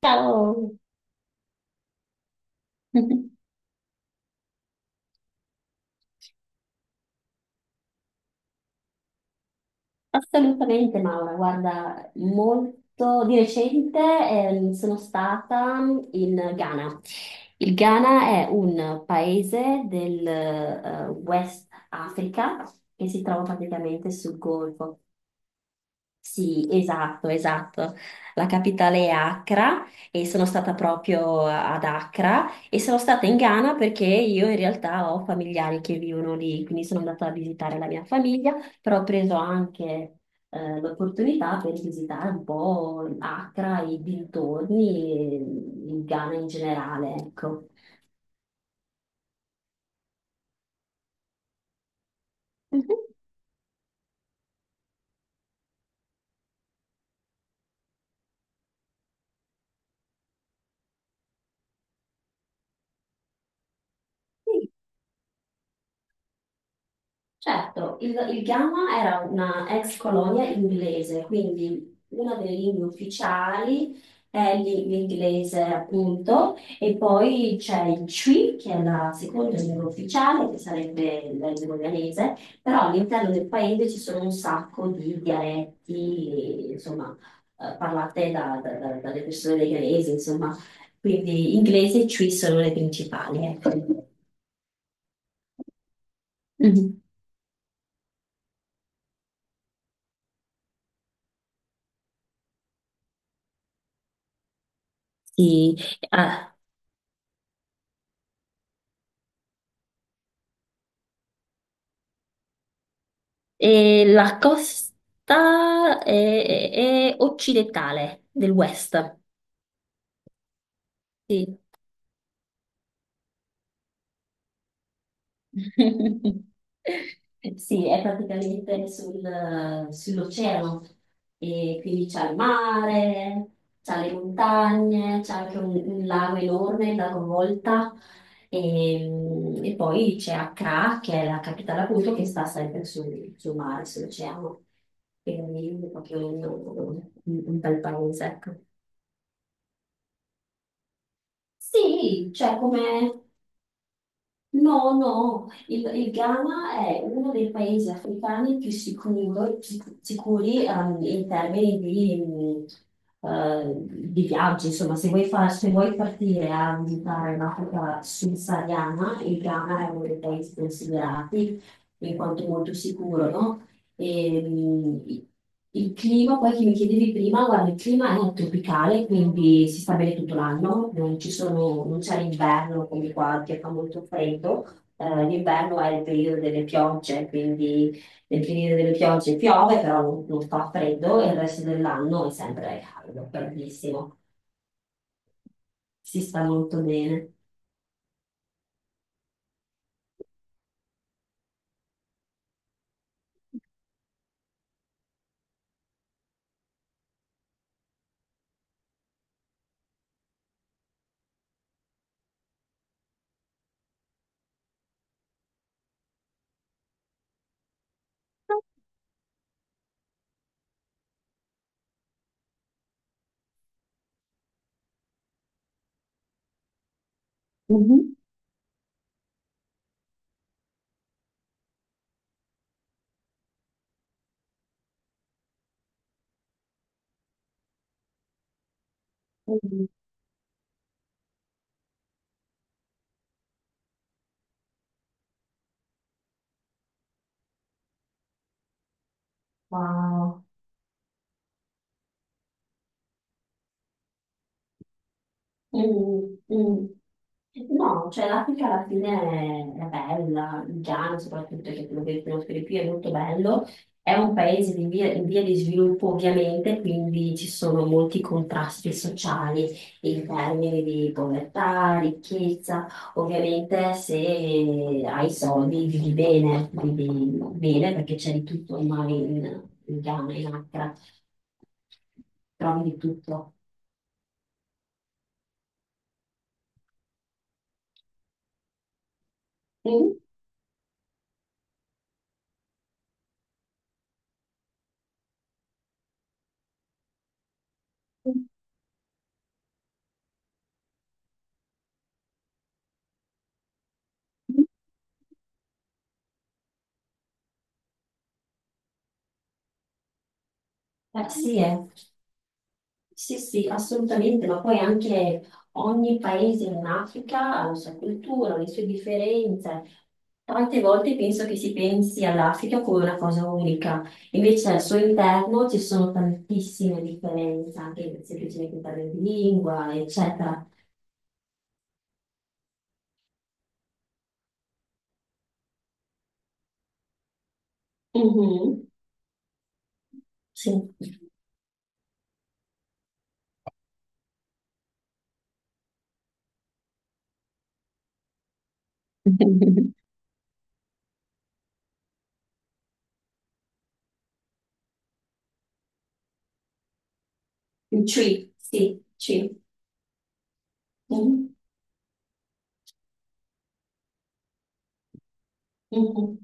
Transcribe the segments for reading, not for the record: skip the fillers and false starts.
Ciao! Assolutamente Maura, guarda, molto di recente sono stata in Ghana. Il Ghana è un paese del West Africa che si trova praticamente sul Golfo. Sì, esatto, esatto. La capitale è Accra e sono stata proprio ad Accra e sono stata in Ghana perché io in realtà ho familiari che vivono lì, quindi sono andata a visitare la mia famiglia, però ho preso anche l'opportunità per visitare un po' Accra, i dintorni e il Ghana in generale, ecco. Mhm. Certo, il Ghana era una ex colonia inglese, quindi una delle lingue ufficiali è l'inglese appunto, e poi c'è il Chui, che è la seconda lingua ufficiale, che sarebbe la lingua ghanese, però all'interno del paese ci sono un sacco di dialetti, insomma, parlate dalle persone dei ghanesi, insomma, quindi inglese e Chui sono le principali, ecco. Mhm. Sì, ah, e la costa è occidentale del West. Sì. Sì, è praticamente sull'oceano e quindi c'è il mare, c'è le montagne, c'è anche un lago enorme, il lago Volta e, e poi c'è Accra che è la capitale appunto che sta sempre sul mare, sull'oceano, quindi è proprio un bel paese, ecco. Sì, cioè come... No, no, il Ghana è uno dei paesi africani più sicuri in termini di, mm, di viaggi. Insomma, se vuoi, se vuoi partire a visitare l'Africa subsahariana, il Ghana è uno dei paesi considerati in quanto molto sicuro, no? E, il clima, poi che mi chiedevi prima, guarda, il clima è tropicale, quindi si sta bene tutto l'anno, non ci sono- non c'è l'inverno come qua che fa molto freddo. L'inverno è il periodo delle piogge, quindi nel periodo delle piogge piove, però non fa freddo e il resto dell'anno è sempre caldo, bellissimo, si sta molto bene. Mhm. Mm. Wow. Mm, mm. No, cioè l'Africa alla fine è bella, il Ghana soprattutto che è quello che conosco di più è molto bello, è un paese in via di sviluppo ovviamente, quindi ci sono molti contrasti sociali in termini di povertà, ricchezza, ovviamente se hai soldi vivi bene perché c'è di tutto ormai in, in Ghana, in Accra, trovi di tutto. Mm. Sì, eh. Sì, sì, assolutamente, ma poi anche ogni paese in Africa ha la sua cultura, le sue differenze. Tante volte penso che si pensi all'Africa come una cosa unica, invece al suo interno ci sono tantissime differenze, anche semplicemente per le lingua, eccetera. Mhm. Sì. Ci, sì, ci. Mhm, mhm,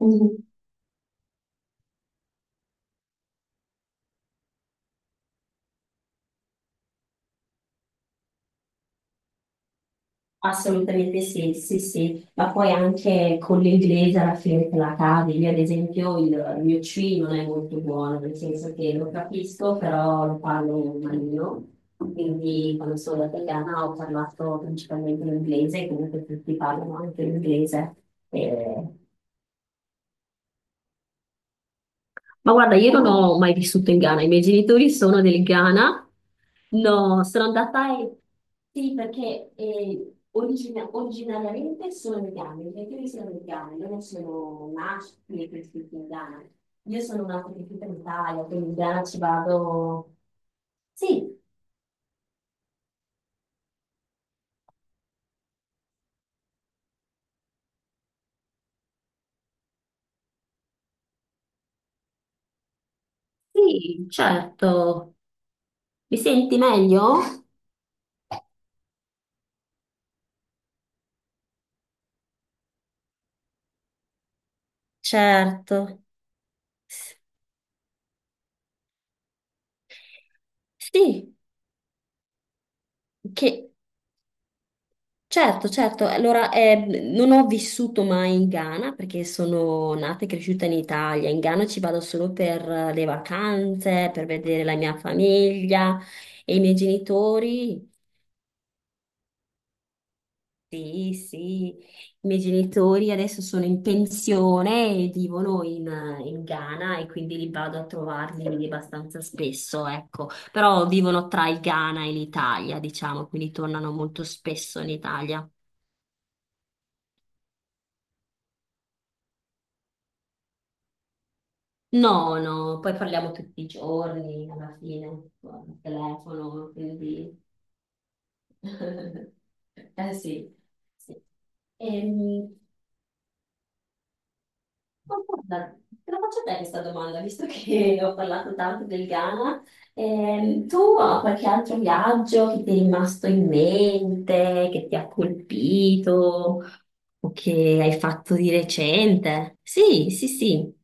mhm. Assolutamente sì, sì, sì, ma poi anche con l'inglese alla fine te la cavi. Io, ad esempio, il mio C non è molto buono, nel senso che lo capisco, però lo parlo malino. Quindi, quando sono italiana, ho parlato principalmente l'inglese, comunque tutti parlano anche l'inglese. E ma guarda, io non ho mai vissuto in Ghana, i miei genitori sono del Ghana. No, sono andata e... Sì, perché originariamente sono del Ghana, i miei genitori sono del Ghana, io non sono nata né cresciuta in Ghana. Io sono nata e cresciuta in Italia, quindi in Ghana ci vado... Sì, sì, certo. Mi senti meglio? Certo. S- Sì, che... Certo, certo. Allora, non ho vissuto mai in Ghana perché sono nata e cresciuta in Italia. In Ghana ci vado solo per le vacanze, per vedere la mia famiglia e i miei genitori. Sì, sì, i miei genitori adesso sono in pensione e vivono in Ghana e quindi li vado a trovarli abbastanza spesso, ecco. Però vivono tra il Ghana e l'Italia, diciamo, quindi tornano molto spesso in Italia. No, no, poi parliamo tutti i giorni alla fine, al telefono, quindi... Eh sì, sì. Ehm, ma guarda, te la faccio a te questa domanda, visto che ho parlato tanto del Ghana. Tu hai qualche altro viaggio che ti è rimasto in mente, che ti ha colpito o che hai fatto di recente? Sì, sì, sì.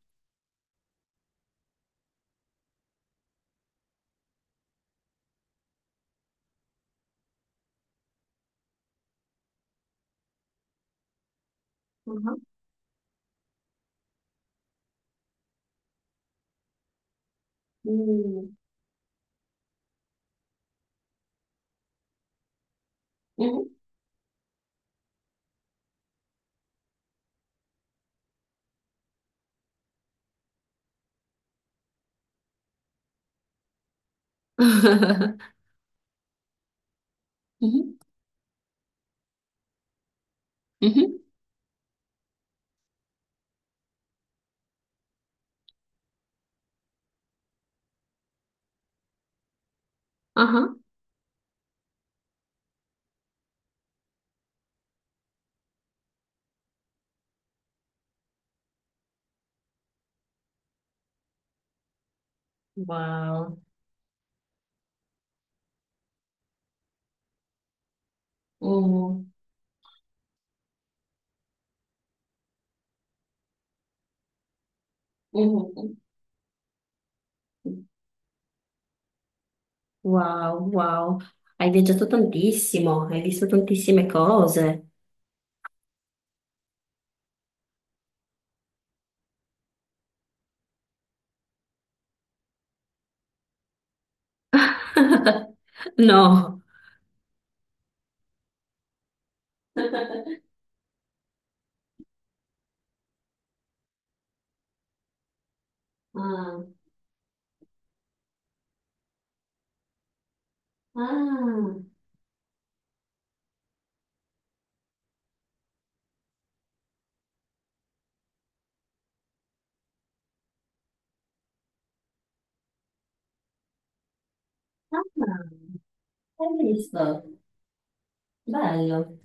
Mhm. Mm. Mhm. Mhm. Mhm. Ajá. Wow. Uh, uh, uh. Wow, wow. Hai viaggiato tantissimo, hai visto tantissime cose. No. Ah, ah, ah, hai visto? Bello.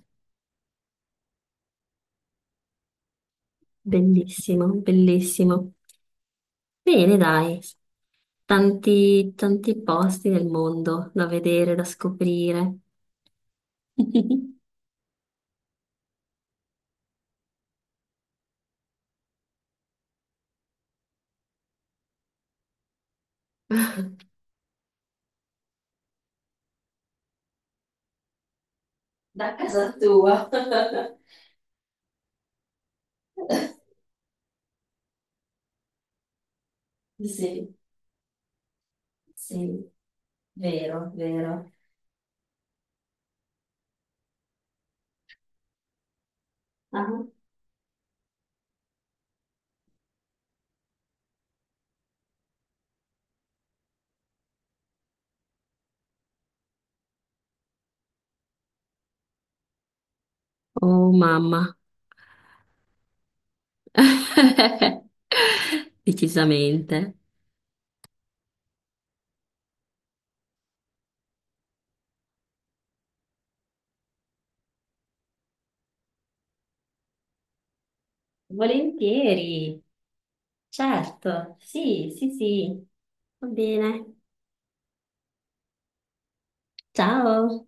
Bellissimo, bellissimo. Bene, dai. Tanti, tanti posti nel mondo da vedere, da scoprire. Da casa tua. Sì, sì, vero, vero. Ah. Oh mamma, decisamente. Volentieri, certo, sì, sì, sì, va bene. Ciao.